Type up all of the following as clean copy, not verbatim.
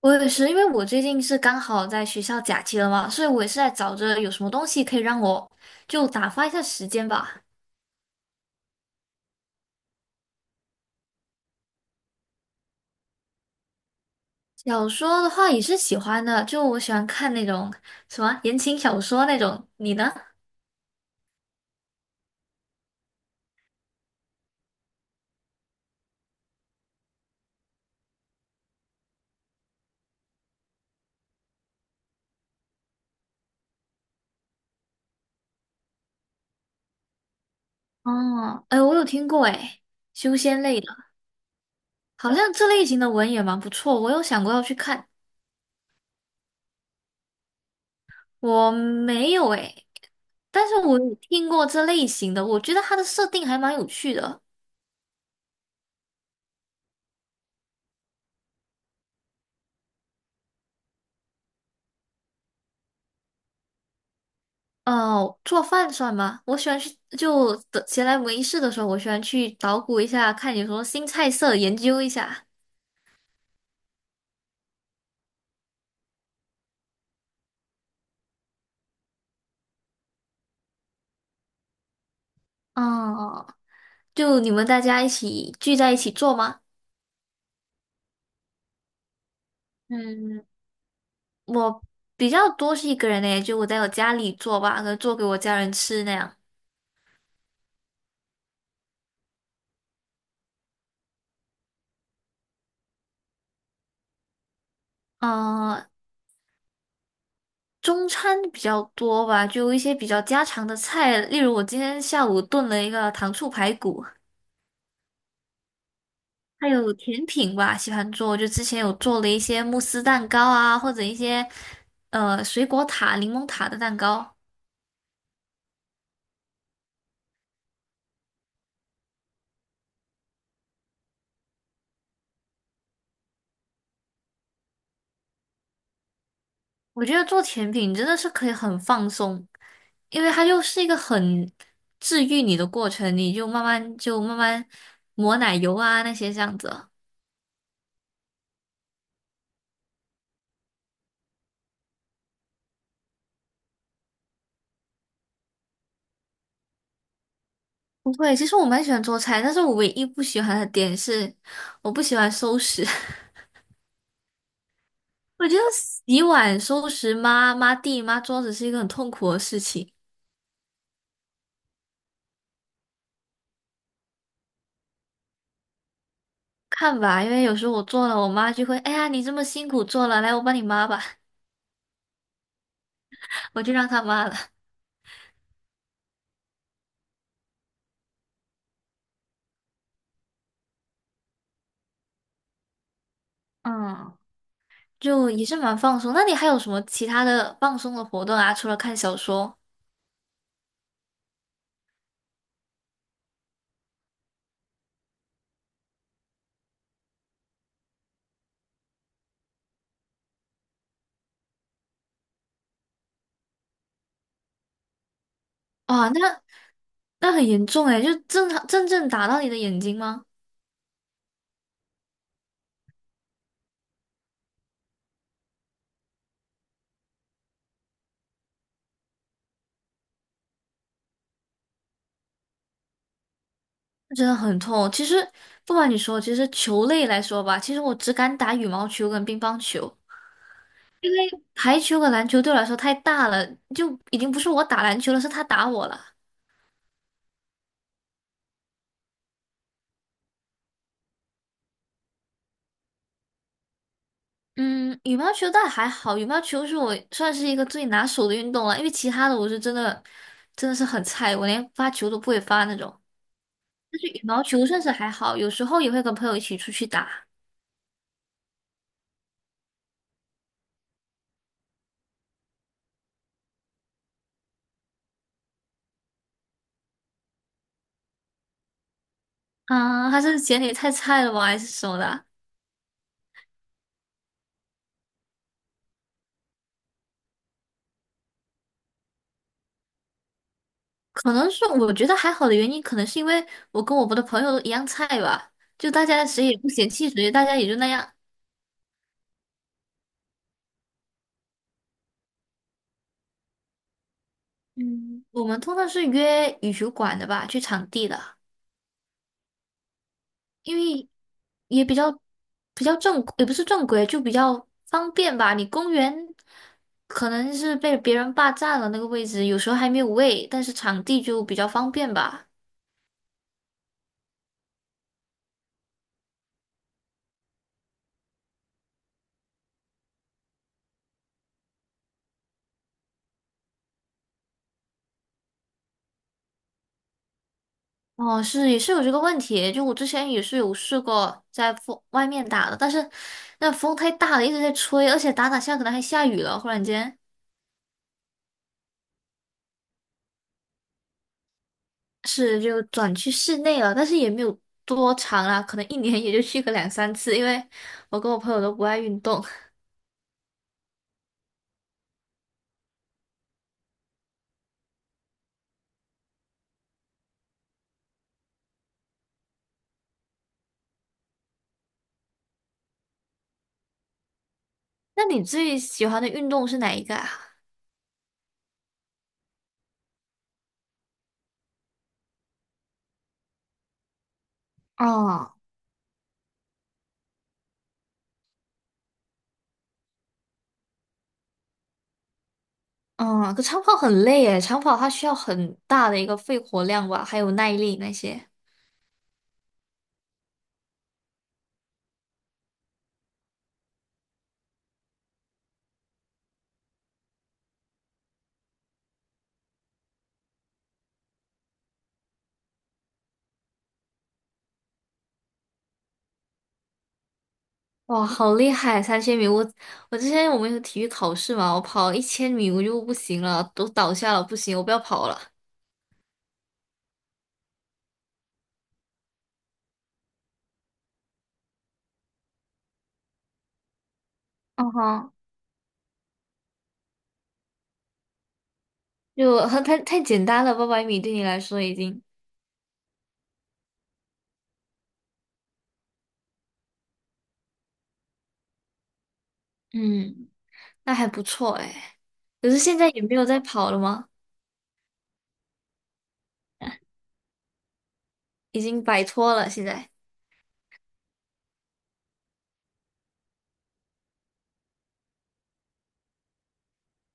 我也是，因为我最近是刚好在学校假期了嘛，所以我也是在找着有什么东西可以让我就打发一下时间吧。小说的话也是喜欢的，就我喜欢看那种什么言情小说那种。你呢？哦，哎，我有听过哎，修仙类的，好像这类型的文也蛮不错，我有想过要去看，我没有哎，但是我有听过这类型的，我觉得它的设定还蛮有趣的。哦，做饭算吗？我喜欢去，就的闲来无事的时候，我喜欢去捣鼓一下，看有什么新菜色，研究一下。哦，就你们大家一起聚在一起做吗？嗯，我比较多是一个人呢，就我在我家里做吧，可能做给我家人吃那样。嗯，中餐比较多吧，就一些比较家常的菜，例如我今天下午炖了一个糖醋排骨。还有甜品吧，喜欢做，就之前有做了一些慕斯蛋糕啊，或者一些水果塔、柠檬塔的蛋糕。我觉得做甜品真的是可以很放松，因为它就是一个很治愈你的过程，你就慢慢抹奶油啊那些这样子。不会，其实我蛮喜欢做菜，但是我唯一不喜欢的点是，我不喜欢收拾。我觉得洗碗、收拾抹抹地、抹桌子是一个很痛苦的事情。看吧，因为有时候我做了，我妈就会，哎呀，你这么辛苦做了，来，我帮你抹吧，我就让他抹了，嗯，就也是蛮放松。那你还有什么其他的放松的活动啊？除了看小说？哇，那很严重诶，就正常真正打到你的眼睛吗？真的很痛。其实不瞒你说，其实球类来说吧，其实我只敢打羽毛球跟乒乓球，排球和篮球对我来说太大了，就已经不是我打篮球了，是他打我了。嗯，羽毛球倒还好，羽毛球是我算是一个最拿手的运动了，因为其他的我是真的是很菜，我连发球都不会发那种。但是羽毛球算是还好，有时候也会跟朋友一起出去打。啊，还是嫌你太菜了吧，还是什么的？可能是我觉得还好的原因，可能是因为我跟我们的朋友都一样菜吧，就大家谁也不嫌弃谁，大家也就那样。嗯，我们通常是约羽球馆的吧，去场地的。因为也比较正，也不是正规，就比较方便吧。你公园可能是被别人霸占了那个位置，有时候还没有位，但是场地就比较方便吧。哦，是也是有这个问题，就我之前也是有试过在风外面打的，但是那风太大了，一直在吹，而且打打下可能还下雨了，忽然间是就转去室内了，但是也没有多长啦，可能一年也就去个两三次，因为我跟我朋友都不爱运动。那你最喜欢的运动是哪一个啊？哦，嗯，可长跑很累诶，长跑它需要很大的一个肺活量吧，还有耐力那些。哇，好厉害！3000米，我之前我们有体育考试嘛，我跑1000米我就不行了，都倒下了，不行，我不要跑了，嗯哼，就很太简单了，800米对你来说已经，嗯，那还不错诶。可是现在也没有在跑了吗？已经摆脱了现在。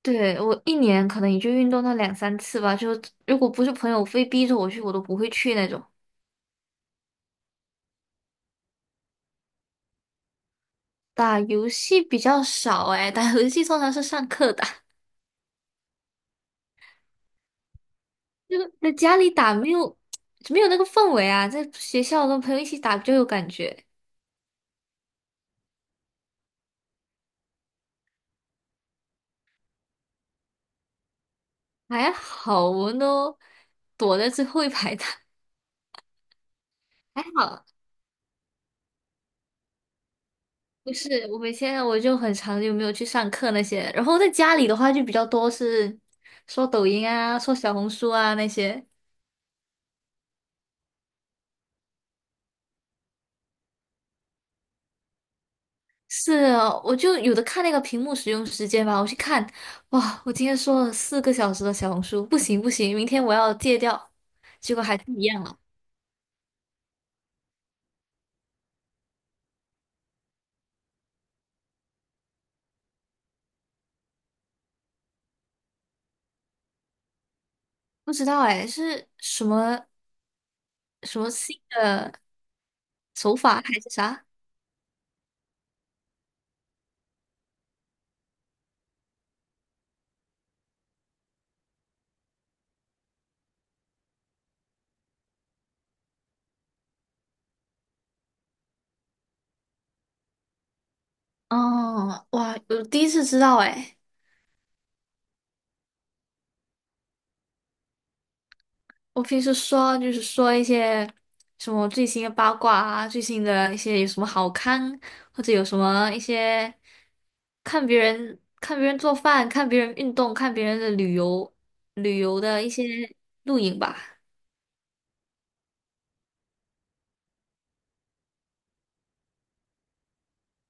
对，我一年可能也就运动到两三次吧，就如果不是朋友非逼着我去，我都不会去那种。打游戏比较少诶，打游戏通常是上课打，就是在家里打没有 没有那个氛围啊，在学校跟朋友一起打就有感觉，还好我们都躲在最后一排打，还好。不是，我们现在我就很长就没有去上课那些，然后在家里的话就比较多是刷抖音啊、刷小红书啊那些。是啊，我就有的看那个屏幕使用时间吧，我去看，哇，我今天说了4个小时的小红书，不行不行，明天我要戒掉。不知道哎，是什么新的手法还是啥？哦，哇，我第一次知道哎。我平时说就是说一些什么最新的八卦啊，最新的一些有什么好看，或者有什么一些看别人做饭、看别人运动、看别人的旅游的一些录影吧。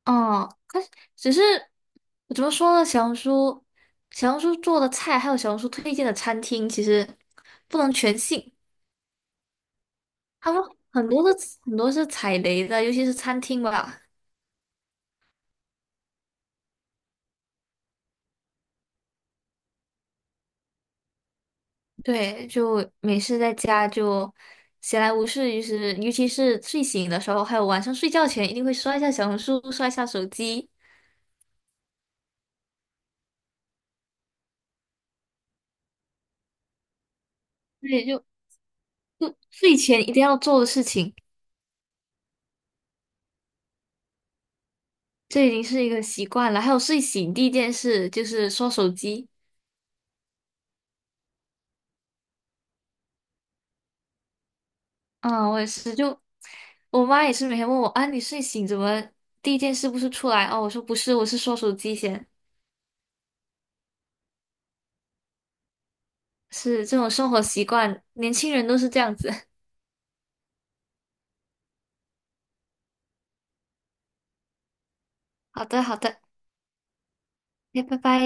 哦，可是只是怎么说呢？小红书做的菜，还有小红书推荐的餐厅，其实不能全信，他们很多是踩雷的，尤其是餐厅吧。对，就没事在家就闲来无事，就是尤其是睡醒的时候，还有晚上睡觉前，一定会刷一下小红书，刷一下手机。对，就睡前一定要做的事情，这已经是一个习惯了。还有睡醒第一件事就是刷手机。嗯，我也是，就我妈也是每天问我啊，你睡醒怎么第一件事不是出来？哦，我说不是，我是刷手机先。是这种生活习惯，年轻人都是这样子。好的，好的，那拜拜。